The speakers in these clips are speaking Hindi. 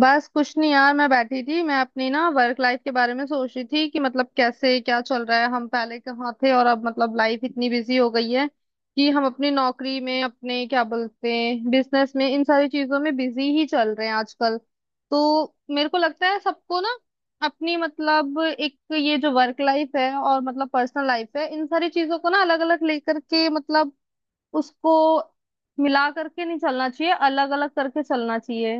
बस कुछ नहीं यार। मैं बैठी थी, मैं अपनी ना वर्क लाइफ के बारे में सोच रही थी कि मतलब कैसे, क्या चल रहा है, हम पहले कहाँ थे और अब मतलब लाइफ इतनी बिजी हो गई है कि हम अपनी नौकरी में, अपने क्या बोलते हैं, बिजनेस में, इन सारी चीजों में बिजी ही चल रहे हैं आजकल। तो मेरे को लगता है सबको ना अपनी मतलब एक ये जो वर्क लाइफ है और मतलब पर्सनल लाइफ है, इन सारी चीजों को ना अलग अलग लेकर के, मतलब उसको मिला करके नहीं चलना चाहिए, अलग अलग करके चलना चाहिए।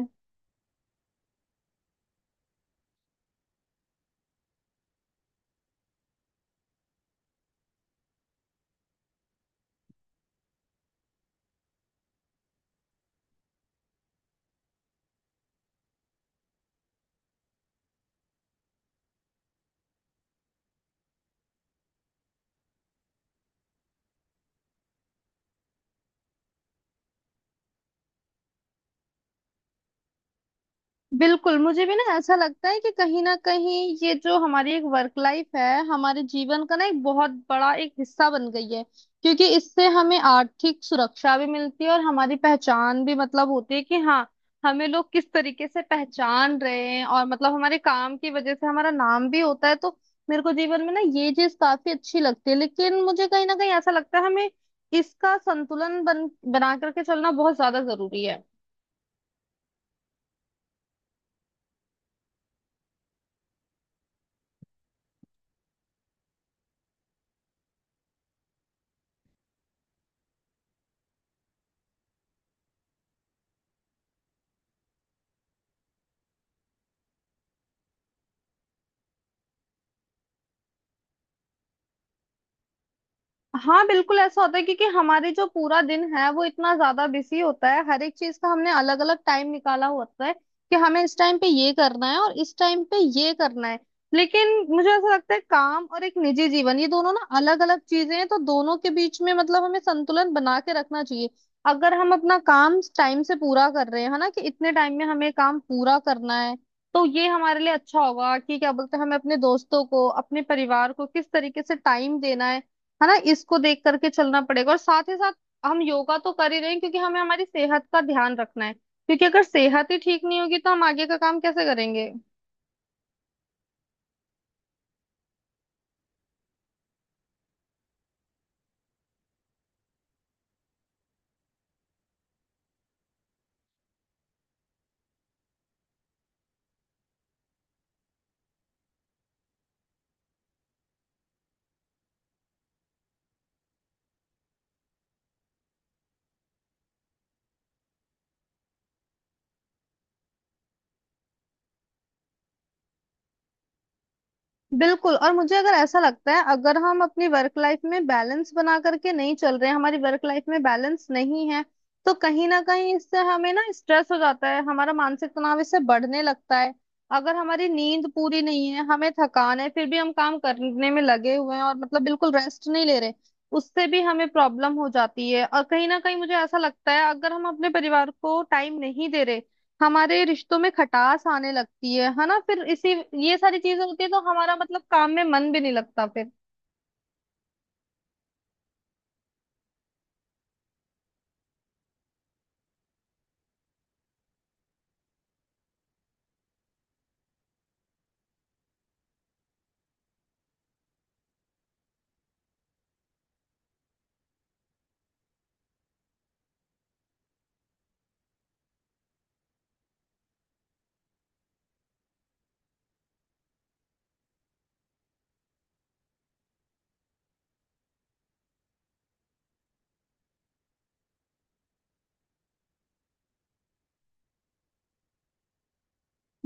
बिल्कुल, मुझे भी ना ऐसा लगता है कि कहीं ना कहीं ये जो हमारी एक वर्क लाइफ है, हमारे जीवन का ना एक बहुत बड़ा एक हिस्सा बन गई है। क्योंकि इससे हमें आर्थिक सुरक्षा भी मिलती है और हमारी पहचान भी मतलब होती है कि हाँ, हमें लोग किस तरीके से पहचान रहे हैं, और मतलब हमारे काम की वजह से हमारा नाम भी होता है। तो मेरे को जीवन में ना ये चीज काफी अच्छी लगती है, लेकिन मुझे कहीं ना कहीं ऐसा लगता है हमें इसका संतुलन बन बना करके चलना बहुत ज्यादा जरूरी है। हाँ बिल्कुल, ऐसा होता है, क्योंकि हमारे जो पूरा दिन है वो इतना ज्यादा बिजी होता है, हर एक चीज का हमने अलग अलग टाइम निकाला होता है कि हमें इस टाइम पे ये करना है और इस टाइम पे ये करना है। लेकिन मुझे ऐसा लगता है काम और एक निजी जीवन, ये दोनों ना अलग अलग चीजें हैं, तो दोनों के बीच में मतलब हमें संतुलन बना के रखना चाहिए। अगर हम अपना काम टाइम से पूरा कर रहे हैं, है ना, कि इतने टाइम में हमें काम पूरा करना है, तो ये हमारे लिए अच्छा होगा कि क्या बोलते हैं, हमें अपने दोस्तों को, अपने परिवार को किस तरीके से टाइम देना है ना, इसको देख करके चलना पड़ेगा। और साथ ही साथ हम योगा तो कर ही रहे हैं, क्योंकि हमें हमारी सेहत का ध्यान रखना है, क्योंकि अगर सेहत ही ठीक नहीं होगी तो हम आगे का काम कैसे करेंगे। बिल्कुल, और मुझे अगर ऐसा लगता है अगर हम अपनी वर्क लाइफ में बैलेंस बना करके नहीं चल रहे हैं, हमारी वर्क लाइफ में बैलेंस नहीं है, तो कहीं ना कहीं इससे हमें ना स्ट्रेस हो जाता है, हमारा मानसिक तनाव इससे बढ़ने लगता है। अगर हमारी नींद पूरी नहीं है, हमें थकान है, फिर भी हम काम करने में लगे हुए हैं और मतलब बिल्कुल रेस्ट नहीं ले रहे, उससे भी हमें प्रॉब्लम हो जाती है। और कहीं ना कहीं मुझे ऐसा लगता है अगर हम अपने परिवार को टाइम नहीं दे रहे, हमारे रिश्तों में खटास आने लगती है ना, फिर इसी, ये सारी चीजें होती है तो हमारा मतलब काम में मन भी नहीं लगता फिर।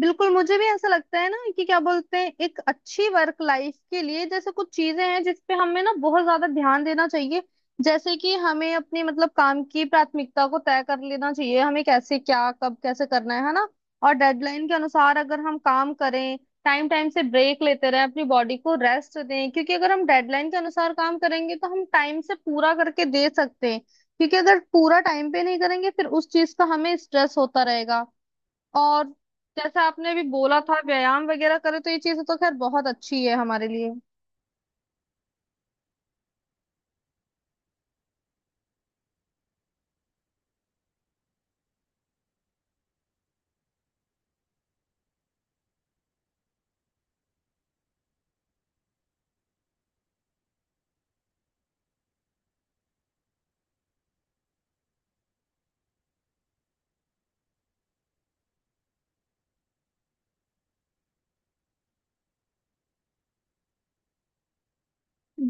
बिल्कुल, मुझे भी ऐसा लगता है ना कि क्या बोलते हैं, एक अच्छी वर्क लाइफ के लिए जैसे कुछ चीजें हैं जिस पे हमें ना बहुत ज्यादा ध्यान देना चाहिए। जैसे कि हमें अपने मतलब काम की प्राथमिकता को तय कर लेना चाहिए, हमें कैसे, क्या, कब, कैसे करना है ना। और डेडलाइन के अनुसार अगर हम काम करें, टाइम टाइम से ब्रेक लेते रहें, अपनी बॉडी को रेस्ट दें, क्योंकि अगर हम डेडलाइन के अनुसार काम करेंगे तो हम टाइम से पूरा करके दे सकते हैं, क्योंकि अगर पूरा टाइम पे नहीं करेंगे फिर उस चीज का हमें स्ट्रेस होता रहेगा। और जैसा आपने अभी बोला था व्यायाम वगैरह करे, तो ये चीज तो खैर बहुत अच्छी है हमारे लिए।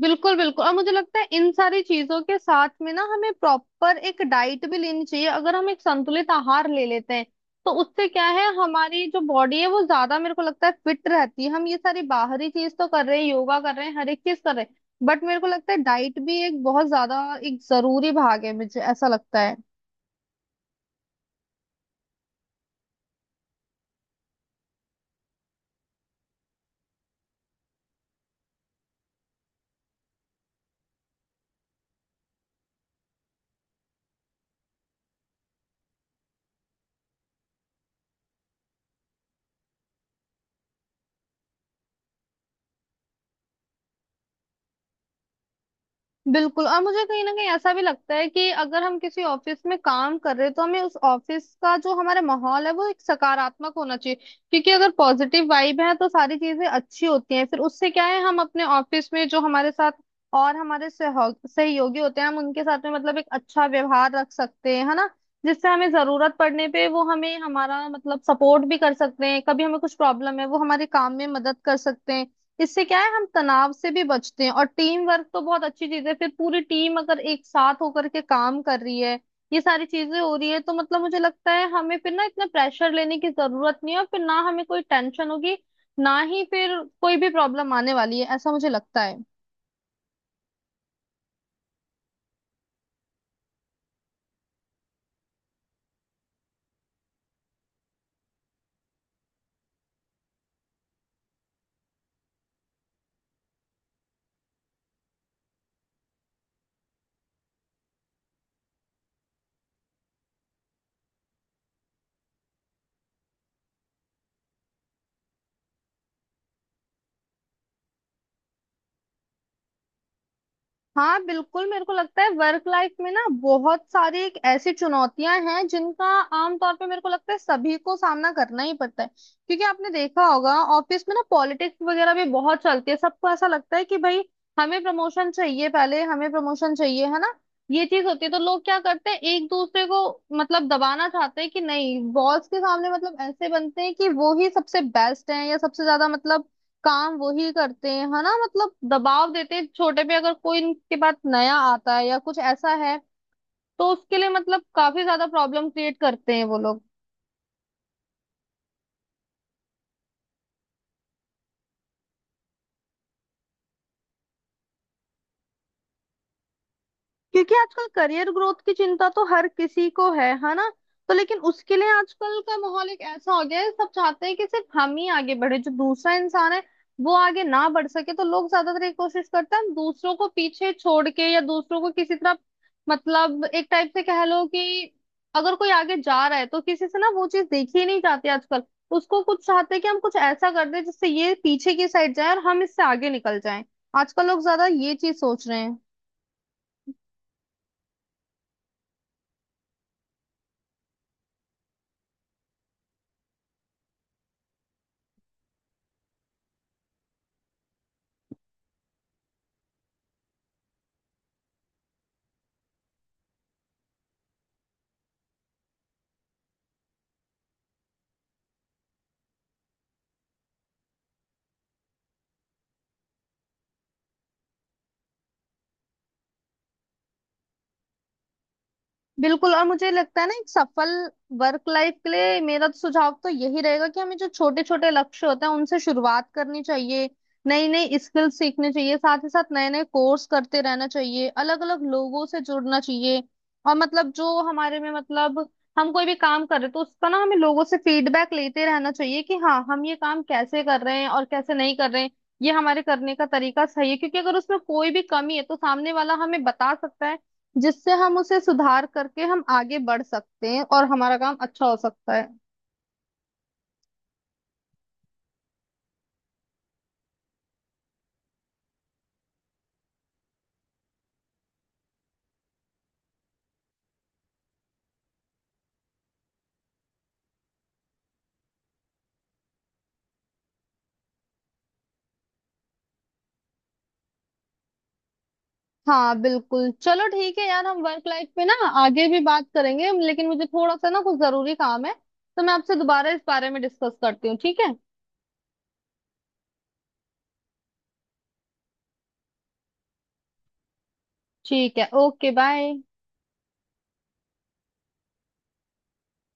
बिल्कुल बिल्कुल, और मुझे लगता है इन सारी चीजों के साथ में ना हमें प्रॉपर एक डाइट भी लेनी चाहिए। अगर हम एक संतुलित आहार ले लेते हैं तो उससे क्या है, हमारी जो बॉडी है वो ज्यादा मेरे को लगता है फिट रहती है। हम ये सारी बाहरी चीज तो कर रहे हैं, योगा कर रहे हैं, हर एक चीज कर रहे हैं, बट मेरे को लगता है डाइट भी एक बहुत ज्यादा एक जरूरी भाग है, मुझे ऐसा लगता है। बिल्कुल, और मुझे कहीं ना कहीं ऐसा भी लगता है कि अगर हम किसी ऑफिस में काम कर रहे हैं, तो हमें उस ऑफिस का जो हमारा माहौल है वो एक सकारात्मक होना चाहिए। क्योंकि अगर पॉजिटिव वाइब है तो सारी चीजें अच्छी होती हैं, फिर उससे क्या है हम अपने ऑफिस में जो हमारे साथ और हमारे सहयोगी होते हैं, हम उनके साथ में मतलब एक अच्छा व्यवहार रख सकते हैं, है ना, जिससे हमें जरूरत पड़ने पे वो हमें हमारा मतलब सपोर्ट भी कर सकते हैं। कभी हमें कुछ प्रॉब्लम है वो हमारे काम में मदद कर सकते हैं, इससे क्या है हम तनाव से भी बचते हैं। और टीम वर्क तो बहुत अच्छी चीज है, फिर पूरी टीम अगर एक साथ होकर के काम कर रही है, ये सारी चीजें हो रही है, तो मतलब मुझे लगता है हमें फिर ना इतना प्रेशर लेने की जरूरत नहीं है, और फिर ना हमें कोई टेंशन होगी, ना ही फिर कोई भी प्रॉब्लम आने वाली है, ऐसा मुझे लगता है। हाँ बिल्कुल, मेरे को लगता है वर्क लाइफ में ना बहुत सारी एक ऐसी चुनौतियां हैं जिनका आमतौर पे मेरे को लगता है सभी को सामना करना ही पड़ता है। क्योंकि आपने देखा होगा ऑफिस में ना पॉलिटिक्स वगैरह भी बहुत चलती है, सबको ऐसा लगता है कि भाई हमें प्रमोशन चाहिए, पहले हमें प्रमोशन चाहिए, है ना। ये चीज होती है तो लोग क्या करते हैं, एक दूसरे को मतलब दबाना चाहते हैं कि नहीं, बॉस के सामने मतलब ऐसे बनते हैं कि वो ही सबसे बेस्ट है या सबसे ज्यादा मतलब काम वही करते हैं, है ना। मतलब दबाव देते हैं छोटे पे, अगर कोई इनके पास नया आता है या कुछ ऐसा है, तो उसके लिए मतलब काफी ज्यादा प्रॉब्लम क्रिएट करते हैं वो लोग। क्योंकि आजकल करियर ग्रोथ की चिंता तो हर किसी को है ना। तो लेकिन उसके लिए आजकल का माहौल एक ऐसा हो गया है, सब चाहते हैं कि सिर्फ हम ही आगे बढ़े, जो दूसरा इंसान है वो आगे ना बढ़ सके, तो लोग ज्यादातर ये कोशिश करते हैं हम दूसरों को पीछे छोड़ के या दूसरों को किसी तरह मतलब एक टाइप से कह लो कि अगर कोई आगे जा रहा है तो किसी से ना वो चीज देखी ही नहीं जाती आजकल। उसको कुछ चाहते हैं कि हम कुछ ऐसा कर दें जिससे ये पीछे की साइड जाए और हम इससे आगे निकल जाएं, आजकल लोग ज्यादा ये चीज सोच रहे हैं। बिल्कुल, और मुझे लगता है ना एक सफल वर्क लाइफ के लिए मेरा तो सुझाव तो यही रहेगा कि हमें जो छोटे छोटे लक्ष्य होते हैं उनसे शुरुआत करनी चाहिए, नई नई स्किल सीखनी चाहिए, साथ ही साथ नए नए कोर्स करते रहना चाहिए, अलग अलग लोगों से जुड़ना चाहिए। और मतलब जो हमारे में मतलब हम कोई भी काम कर रहे हैं तो उसका ना हमें लोगों से फीडबैक लेते रहना चाहिए कि हाँ, हम ये काम कैसे कर रहे हैं और कैसे नहीं कर रहे हैं, ये हमारे करने का तरीका सही है, क्योंकि अगर उसमें कोई भी कमी है तो सामने वाला हमें बता सकता है, जिससे हम उसे सुधार करके हम आगे बढ़ सकते हैं और हमारा काम अच्छा हो सकता है। हाँ बिल्कुल, चलो ठीक है यार, हम वर्क लाइफ पे ना आगे भी बात करेंगे, लेकिन मुझे थोड़ा सा ना कुछ जरूरी काम है, तो मैं आपसे दोबारा इस बारे में डिस्कस करती हूँ, ठीक है। ठीक है, ओके, बाय।